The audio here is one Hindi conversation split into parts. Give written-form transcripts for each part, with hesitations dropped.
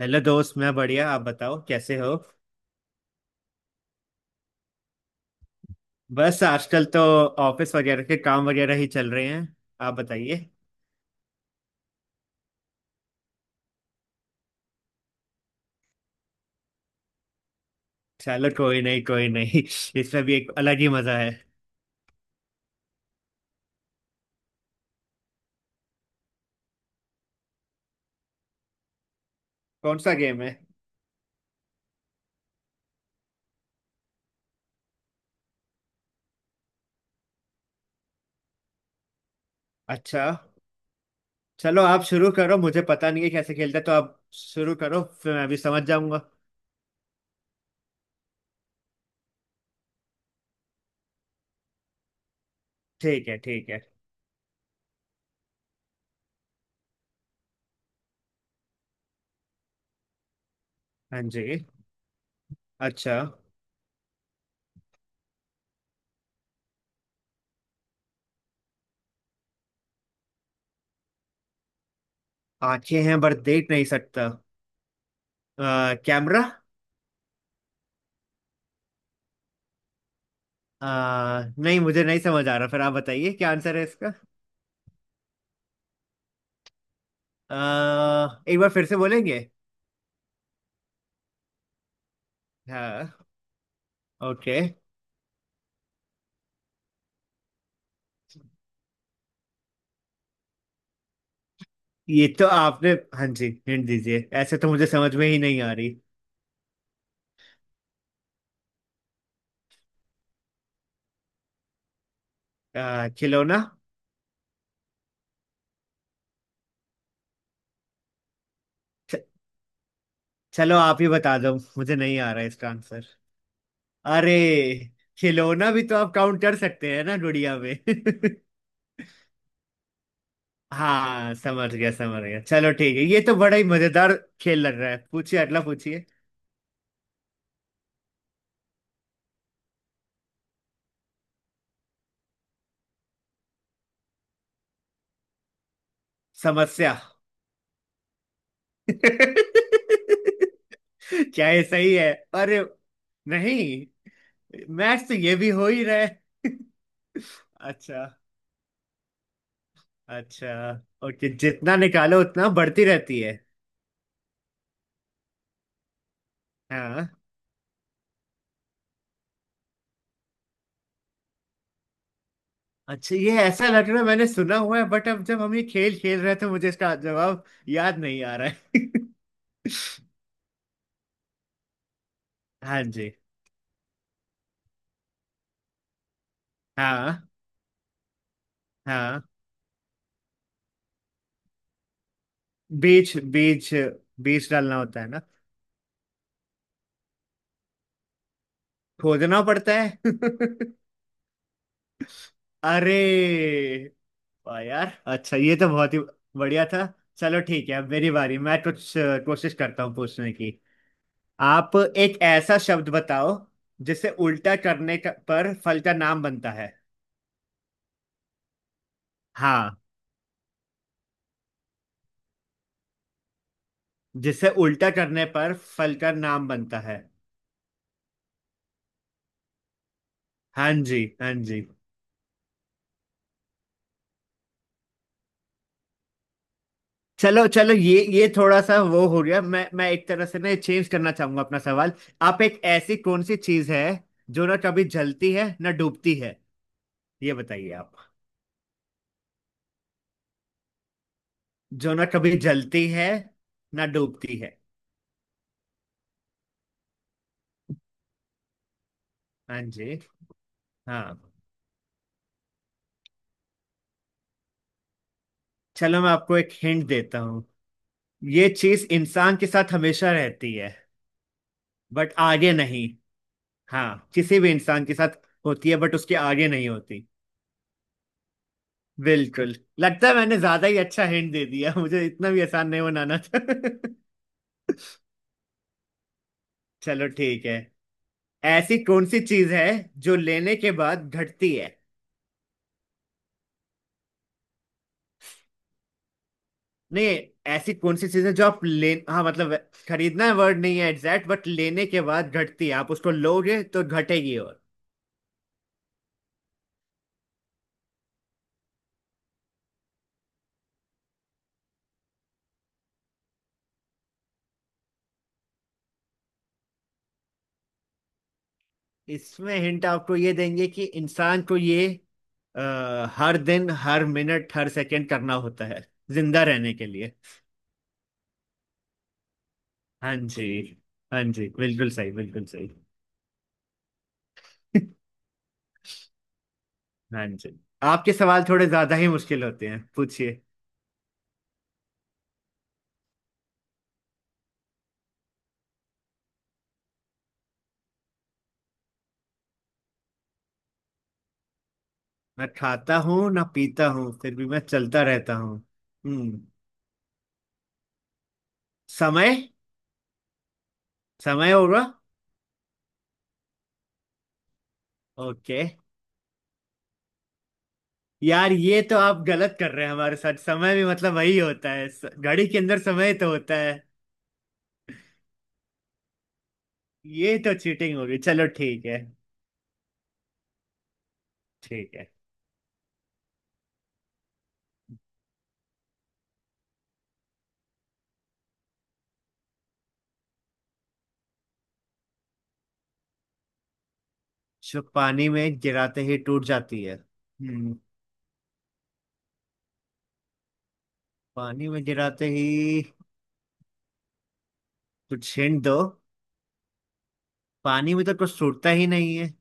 हेलो दोस्त। मैं बढ़िया, आप बताओ कैसे हो। बस आजकल तो ऑफिस वगैरह के काम वगैरह ही चल रहे हैं। आप बताइए। चलो कोई नहीं कोई नहीं। इसमें भी एक अलग ही मजा है। कौन सा गेम है। अच्छा। चलो आप शुरू करो, मुझे पता नहीं है कैसे खेलते, तो आप शुरू करो फिर मैं भी समझ जाऊंगा। ठीक है ठीक है। हाँ जी। अच्छा। आंखें हैं पर देख नहीं सकता। कैमरा। अ, नहीं, मुझे नहीं समझ आ रहा, फिर आप बताइए क्या आंसर है इसका। एक बार फिर से बोलेंगे। हाँ। ओके। ये तो आपने। हाँ जी हिंट दीजिए, ऐसे तो मुझे समझ में ही नहीं आ रही। खिलौना। च- चलो आप ही बता दो, मुझे नहीं आ रहा है इसका आंसर। अरे। खिलौना भी तो आप काउंट कर सकते हैं ना गुड़िया में। हाँ समझ गया समझ गया, चलो ठीक है, ये तो बड़ा ही मजेदार खेल लग रहा है, पूछिए, अगला पूछिए। समस्या। क्या ये सही है, अरे। नहीं मैच तो ये भी हो ही रहा है। अच्छा। अच्छा। ओके, जितना निकालो उतना बढ़ती रहती है। हाँ। अच्छा, ये ऐसा लग रहा है मैंने सुना हुआ है, बट अब जब हम ये खेल खेल रहे थे मुझे इसका जवाब याद नहीं आ रहा है। हाँ जी। हाँ हाँ। बीज बीज बीज डालना होता है ना। खोदना पड़ता है। अरे। वाह यार, अच्छा ये तो बहुत ही बढ़िया था। चलो ठीक है, अब मेरी बारी, मैं कुछ कोशिश करता हूँ पूछने की। आप एक ऐसा शब्द बताओ जिसे उल्टा करने का, पर फल का नाम बनता है। हाँ। जिसे उल्टा करने पर फल का नाम बनता है। हाँ जी हाँ जी। चलो चलो, ये थोड़ा सा वो हो गया, मैं एक तरह से ना चेंज करना चाहूंगा अपना सवाल। आप एक ऐसी कौन सी चीज है जो ना कभी जलती है ना डूबती है, ये बताइए आप। जो ना कभी जलती है ना डूबती है। हाँ जी। हाँ। चलो मैं आपको एक हिंट देता हूँ। ये चीज इंसान के साथ हमेशा रहती है, बट आगे नहीं। हाँ, किसी भी इंसान के साथ होती है, बट उसके आगे नहीं होती। बिल्कुल, लगता है मैंने ज्यादा ही अच्छा हिंट दे दिया, मुझे इतना भी आसान नहीं बनाना था। चलो ठीक है। ऐसी कौन सी चीज है जो लेने के बाद घटती है। नहीं। ऐसी कौन सी चीज है जो आप ले, हाँ मतलब, खरीदना वर्ड नहीं है एग्जैक्ट, बट लेने के बाद घटती है, आप उसको लोगे तो घटेगी। और इसमें हिंट आपको ये देंगे कि इंसान को ये अ, हर दिन हर मिनट हर सेकंड करना होता है जिंदा रहने के लिए। हाँ जी, हाँ जी, बिल्कुल सही बिल्कुल सही। हाँ जी। आपके सवाल थोड़े ज्यादा ही मुश्किल होते हैं, पूछिए। मैं खाता हूँ ना पीता हूँ फिर भी मैं चलता रहता हूँ। हम्म। समय। समय होगा। ओके। यार ये तो आप गलत कर रहे हैं हमारे साथ, समय भी मतलब वही होता है, घड़ी के अंदर समय तो होता है। ये तो चीटिंग होगी, चलो ठीक है ठीक है। जो पानी में गिराते ही टूट जाती है हम्म। पानी में गिराते ही, कुछ हिंट दो, पानी में तो कुछ टूटता ही नहीं है।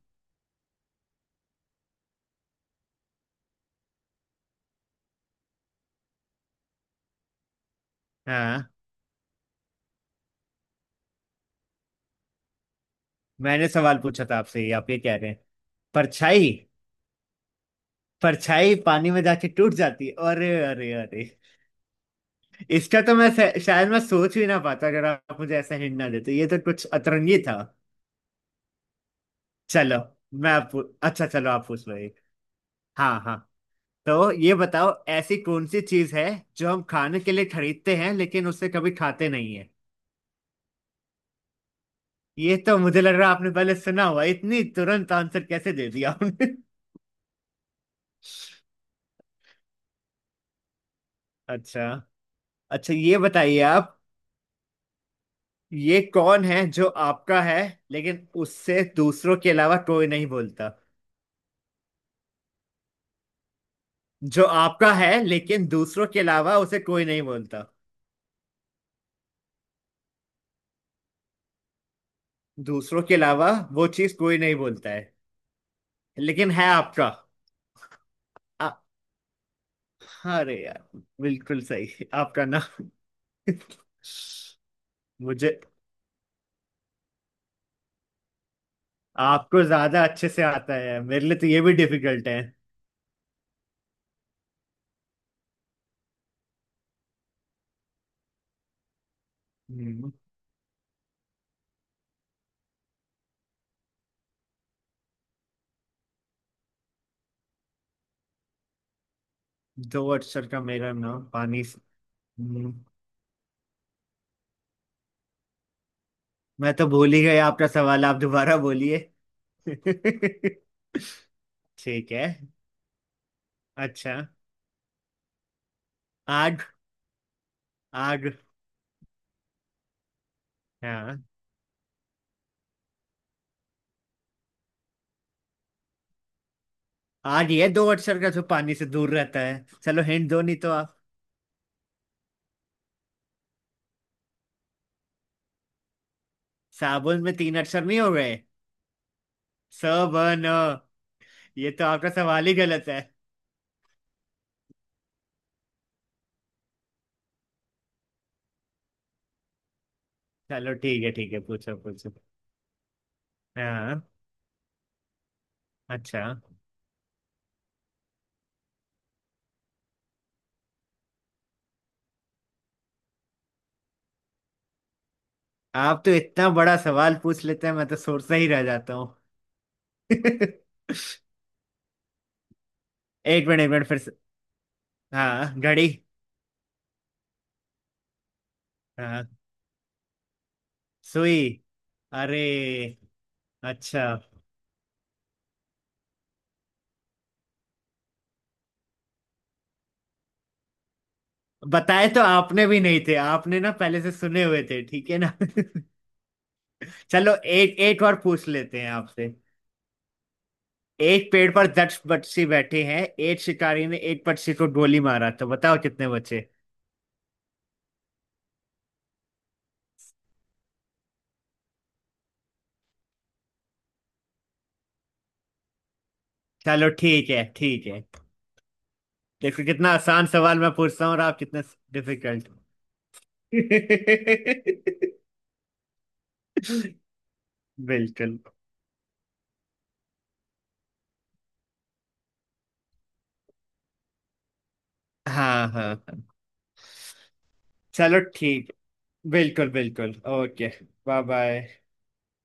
हाँ। मैंने सवाल पूछा था आपसे, ये आप ये कह रहे हैं। परछाई। परछाई पानी में जाके टूट जाती है, अरे अरे अरे। इसका तो मैं शायद मैं सोच भी ना पाता अगर आप मुझे ऐसा हिंट ना देते, ये तो कुछ अतरंगी था। चलो मैं अच्छा चलो आप पूछ लो एक। हाँ हाँ। तो ये बताओ, ऐसी कौन सी चीज है जो हम खाने के लिए खरीदते हैं लेकिन उससे कभी खाते नहीं है। ये तो मुझे लग रहा है आपने पहले सुना हुआ है। इतनी तुरंत आंसर कैसे दे दिया आपने। अच्छा। अच्छा, ये बताइए आप। ये कौन है जो आपका है लेकिन उससे दूसरों के अलावा कोई नहीं बोलता। जो आपका है लेकिन दूसरों के अलावा उसे कोई नहीं बोलता। दूसरों के अलावा वो चीज कोई नहीं बोलता है, लेकिन है आपका। आ, अरे यार, बिल्कुल सही आपका। मुझे। आपको ज्यादा अच्छे से आता है, मेरे लिए तो ये भी डिफिकल्ट है। हम्म। दो अक्षर का मेरा नाम पानी से। हम्म, मैं तो भूल ही गया आपका सवाल, आप दोबारा बोलिए। ठीक है। अच्छा। आग। आग। हाँ। आग, ये दो अक्षर का जो पानी से दूर रहता है, चलो हिंट दो नहीं तो आप। साबुन में तीन अक्षर नहीं हो गए। स ब न, ये तो आपका सवाल ही गलत है। चलो ठीक है ठीक है, पूछो पूछो। हाँ। अच्छा। आप तो इतना बड़ा सवाल पूछ लेते हैं, मैं तो सोचता ही रह जाता हूँ। एक मिनट, एक मिनट फिर से। हाँ, घड़ी। हाँ, सुई। अरे। अच्छा, बताए तो आपने भी नहीं थे, आपने ना पहले से सुने हुए थे, ठीक है ना। चलो एक, एक और पूछ लेते हैं आपसे। एक पेड़ पर 10 पक्षी बैठे हैं, एक शिकारी ने एक पक्षी को गोली मारा तो बताओ कितने बचे। चलो ठीक है ठीक है, देखो कितना आसान सवाल मैं पूछता हूँ और आप कितने डिफिकल्ट। बिल्कुल। हाँ हाँ हाँ। चलो ठीक, बिल्कुल बिल्कुल ओके। Bye bye.